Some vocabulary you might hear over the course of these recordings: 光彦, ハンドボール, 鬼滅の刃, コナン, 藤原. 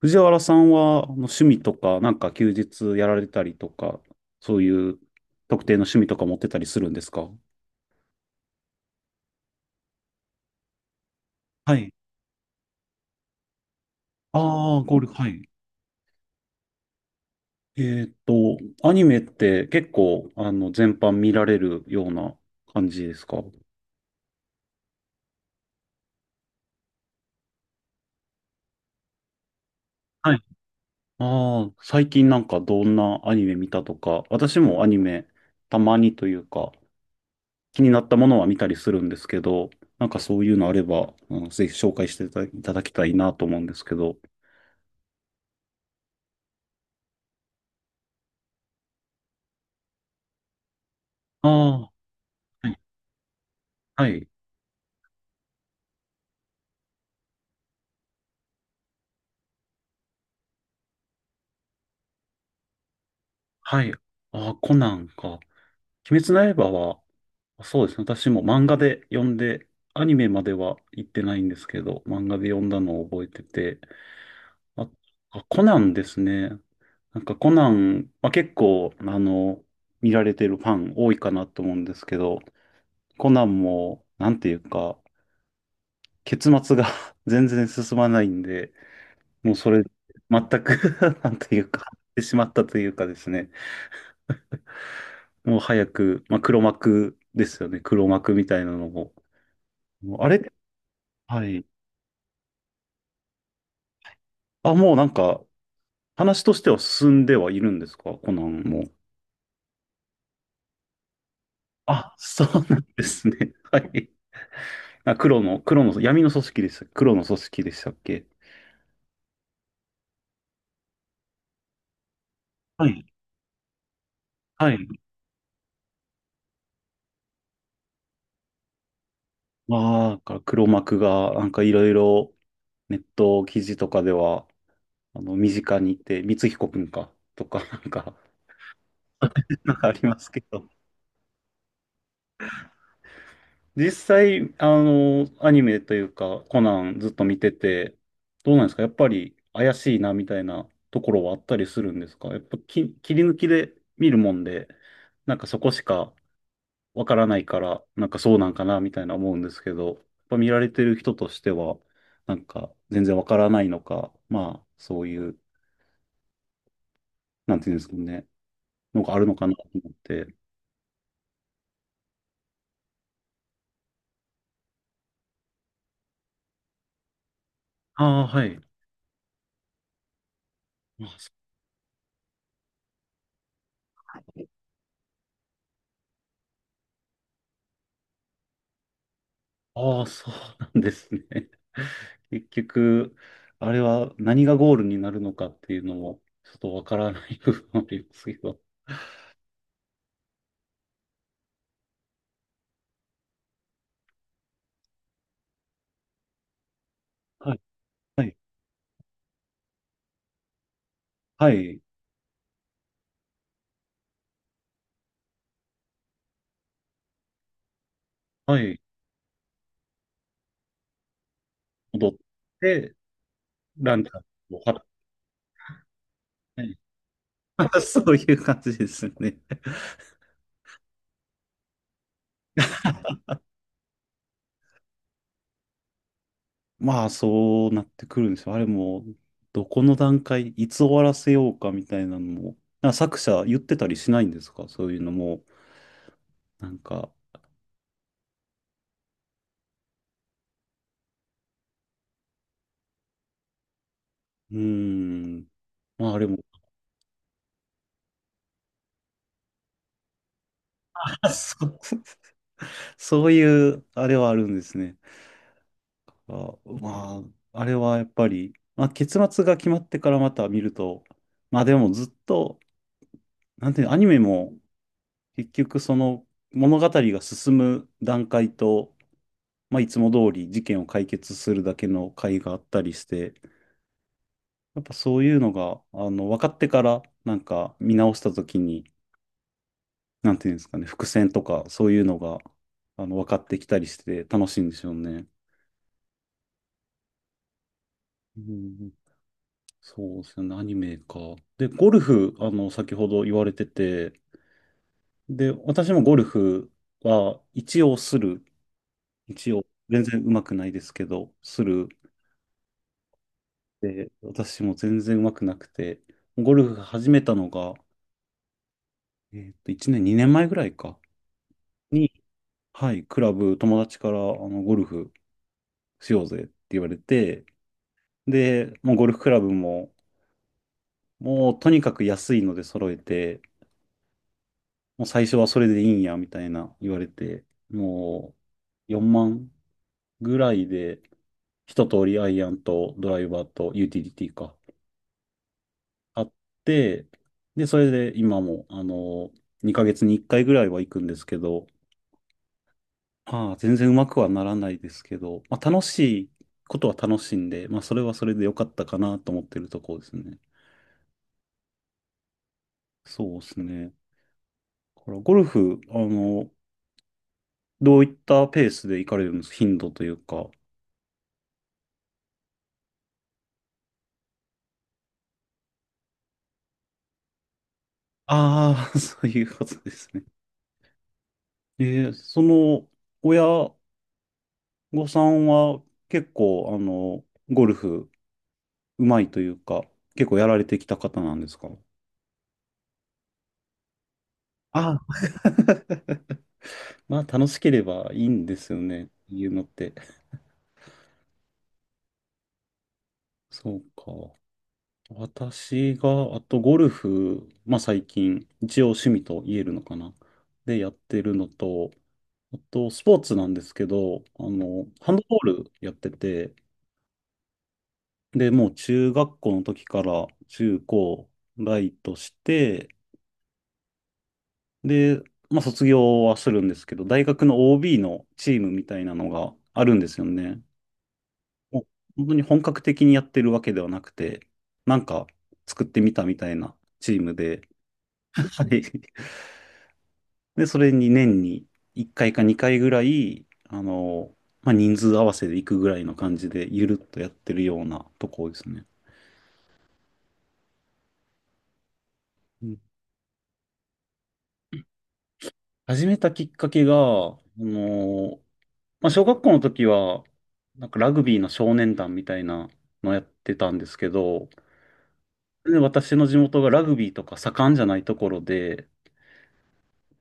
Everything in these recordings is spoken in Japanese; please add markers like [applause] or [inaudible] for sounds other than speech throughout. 藤原さんは、あの趣味とか、なんか休日やられたりとか、そういう特定の趣味とか持ってたりするんですか？はい。ああ、ゴルフ、はい。えーっと、アニメって結構、全般見られるような感じですか？はい。ああ、最近なんかどんなアニメ見たとか、私もアニメ、たまにというか、気になったものは見たりするんですけど、なんかそういうのあれば、うん、ぜひ紹介していただきたいなと思うんですけど。ああ。はいはい。はい。ああ、コナンか。鬼滅の刃は、そうですね。私も漫画で読んで、アニメまでは行ってないんですけど、漫画で読んだのを覚えてて。あ、あ、コナンですね。なんかコナン、まあ、結構、見られてるファン多いかなと思うんですけど、コナンも、なんていうか、結末が [laughs] 全然進まないんで、もうそれ、全く [laughs] なんていうか、[laughs] 終わってしまったというかですね。もう早く、まあ、黒幕ですよね。黒幕みたいなのも。もうあれ、はい。あ、もうなんか、話としては進んではいるんですか、コナンも？あ、そうなんですね。[laughs] はい。あ、黒の、黒の、闇の組織でした。黒の組織でしたっけ？はい。はい。まあ、だから黒幕が、なんかいろいろネット記事とかでは、身近にいて、光彦くんか、とか、なんか、[laughs] なんかありますけど。実際、アニメというか、コナンずっと見てて、どうなんですか？やっぱり怪しいなみたいなところはあったりするんですか？やっぱ切り抜きで見るもんで、なんかそこしかわからないから、なんかそうなんかなみたいな思うんですけど、やっぱ見られてる人としては、なんか全然わからないのか、まあ、そういう、なんていうんですかね、のがあるのかなと思って。ああ、はい。あ、そあーそうなんですね。結局、あれは何がゴールになるのかっていうのも、ちょっとわからない部分もありますけど。はい、はい、はい、はい、戻って、ランチャンを張って、[laughs] はい、そういう感じですよね。まあ、そうなってくるんですよ。あれも、どこの段階、いつ終わらせようかみたいなのも、なんか作者言ってたりしないんですか、そういうのも？なんか、うーん、まあ、あれも、[laughs] そう、[laughs] そういう、あれはあるんですね。あ、まあ、あれはやっぱり、まあ、結末が決まってからまた見ると、まあでもずっと、なんていうの、アニメも結局その物語が進む段階と、まあいつも通り事件を解決するだけの回があったりして、やっぱそういうのが、分かってからなんか見直した時に、なんていうんですかね、伏線とかそういうのが、分かってきたりして楽しいんでしょうね。うん、そうですね、アニメか。で、ゴルフ、先ほど言われてて、で、私もゴルフは一応する。一応、全然上手くないですけど、する。で、私も全然上手くなくて、ゴルフ始めたのが、1年、2年前ぐらいか、に、はい、クラブ、友達から、ゴルフしようぜって言われて、で、もうゴルフクラブも、もうとにかく安いので揃えて、もう最初はそれでいいんや、みたいな言われて、もう4万ぐらいで、一通りアイアンとドライバーとユーティリティか、あって、で、それで今も、2ヶ月に1回ぐらいは行くんですけど、まあ、全然うまくはならないですけど、まあ、楽しいことは楽しいんで、まあ、それはそれで良かったかなと思ってるところですね。そうですね。だからゴルフ、どういったペースで行かれるんですか？頻度というか。ああ、[laughs] そういうことですね。その、親御さんは結構、ゴルフうまいというか、結構やられてきた方なんですか？ああ、[laughs] まあ楽しければいいんですよね、いうのって。そうか。私が、あとゴルフ、まあ最近、一応趣味と言えるのかな。で、やってるのと、あとスポーツなんですけど、ハンドボールやってて、で、もう中学校の時から中高ライトして、で、まあ卒業はするんですけど、大学の OB のチームみたいなのがあるんですよね。もう本当に本格的にやってるわけではなくて、なんか作ってみたみたいなチームで、はい。[laughs] で、それに年に1回か2回ぐらい、まあ人数合わせで行くぐらいの感じで、ゆるっとやってるようなとこですね。うん、始めたきっかけが、あのまあ、小学校の時は、なんかラグビーの少年団みたいなのやってたんですけど、で、私の地元がラグビーとか盛んじゃないところで、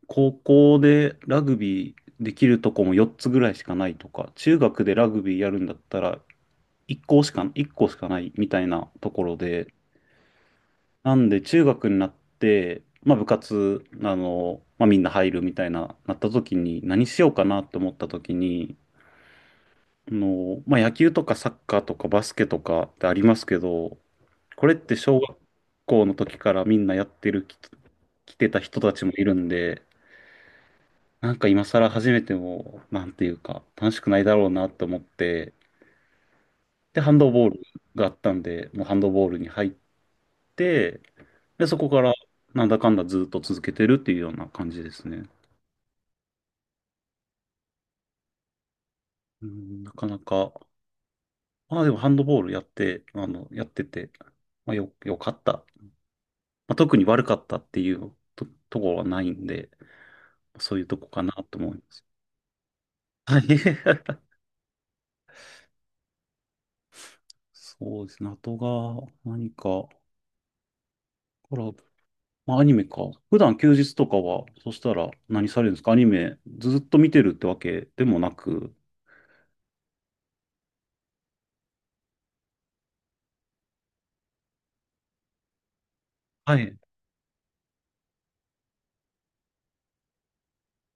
高校でラグビーできるとこも4つぐらいしかないとか、中学でラグビーやるんだったら1校しかないみたいなところで、なんで中学になって、まあ部活、まあみんな入るみたいな、なった時に何しようかなって思った時に、まあ、野球とかサッカーとかバスケとかってありますけど、これって小学校の時からみんなやってる、来てた人たちもいるんで、なんか今更始めても、なんていうか、楽しくないだろうなと思って、で、ハンドボールがあったんで、もうハンドボールに入って、で、そこからなんだかんだずっと続けてるっていうような感じですね。うん、なかなか、まあでもハンドボールやって、やってて、まあよかった、まあ、特に悪かったっていうと、ところはないんで、そういうとこかなと思います。はい。[laughs] そうですね。あとが、何か、コラボ。まあ、アニメか。普段休日とかは、そしたら何されるんですか？アニメずっと見てるってわけでもなく。はい。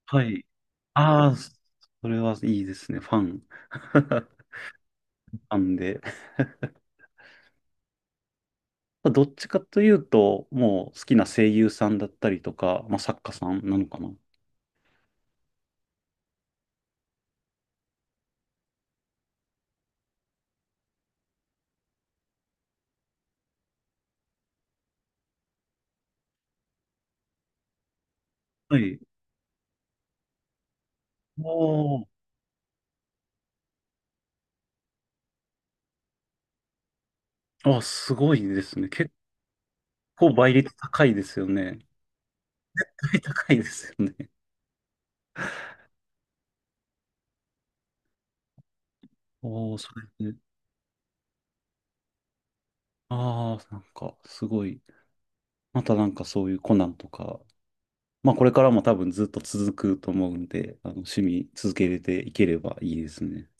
はい。ああ、それはいいですね。ファン。[laughs] ファンで。どっちかというと、もう好きな声優さんだったりとか、まあ、作家さんなのかな。はい。おあ、すごいですね。結構倍率高いですよね。[laughs] 高いですよね。おー、それで。ああ、なんか、すごい。またなんかそういうコナンとか、まあこれからも多分ずっと続くと思うんで、あの趣味続けれていければいいですね。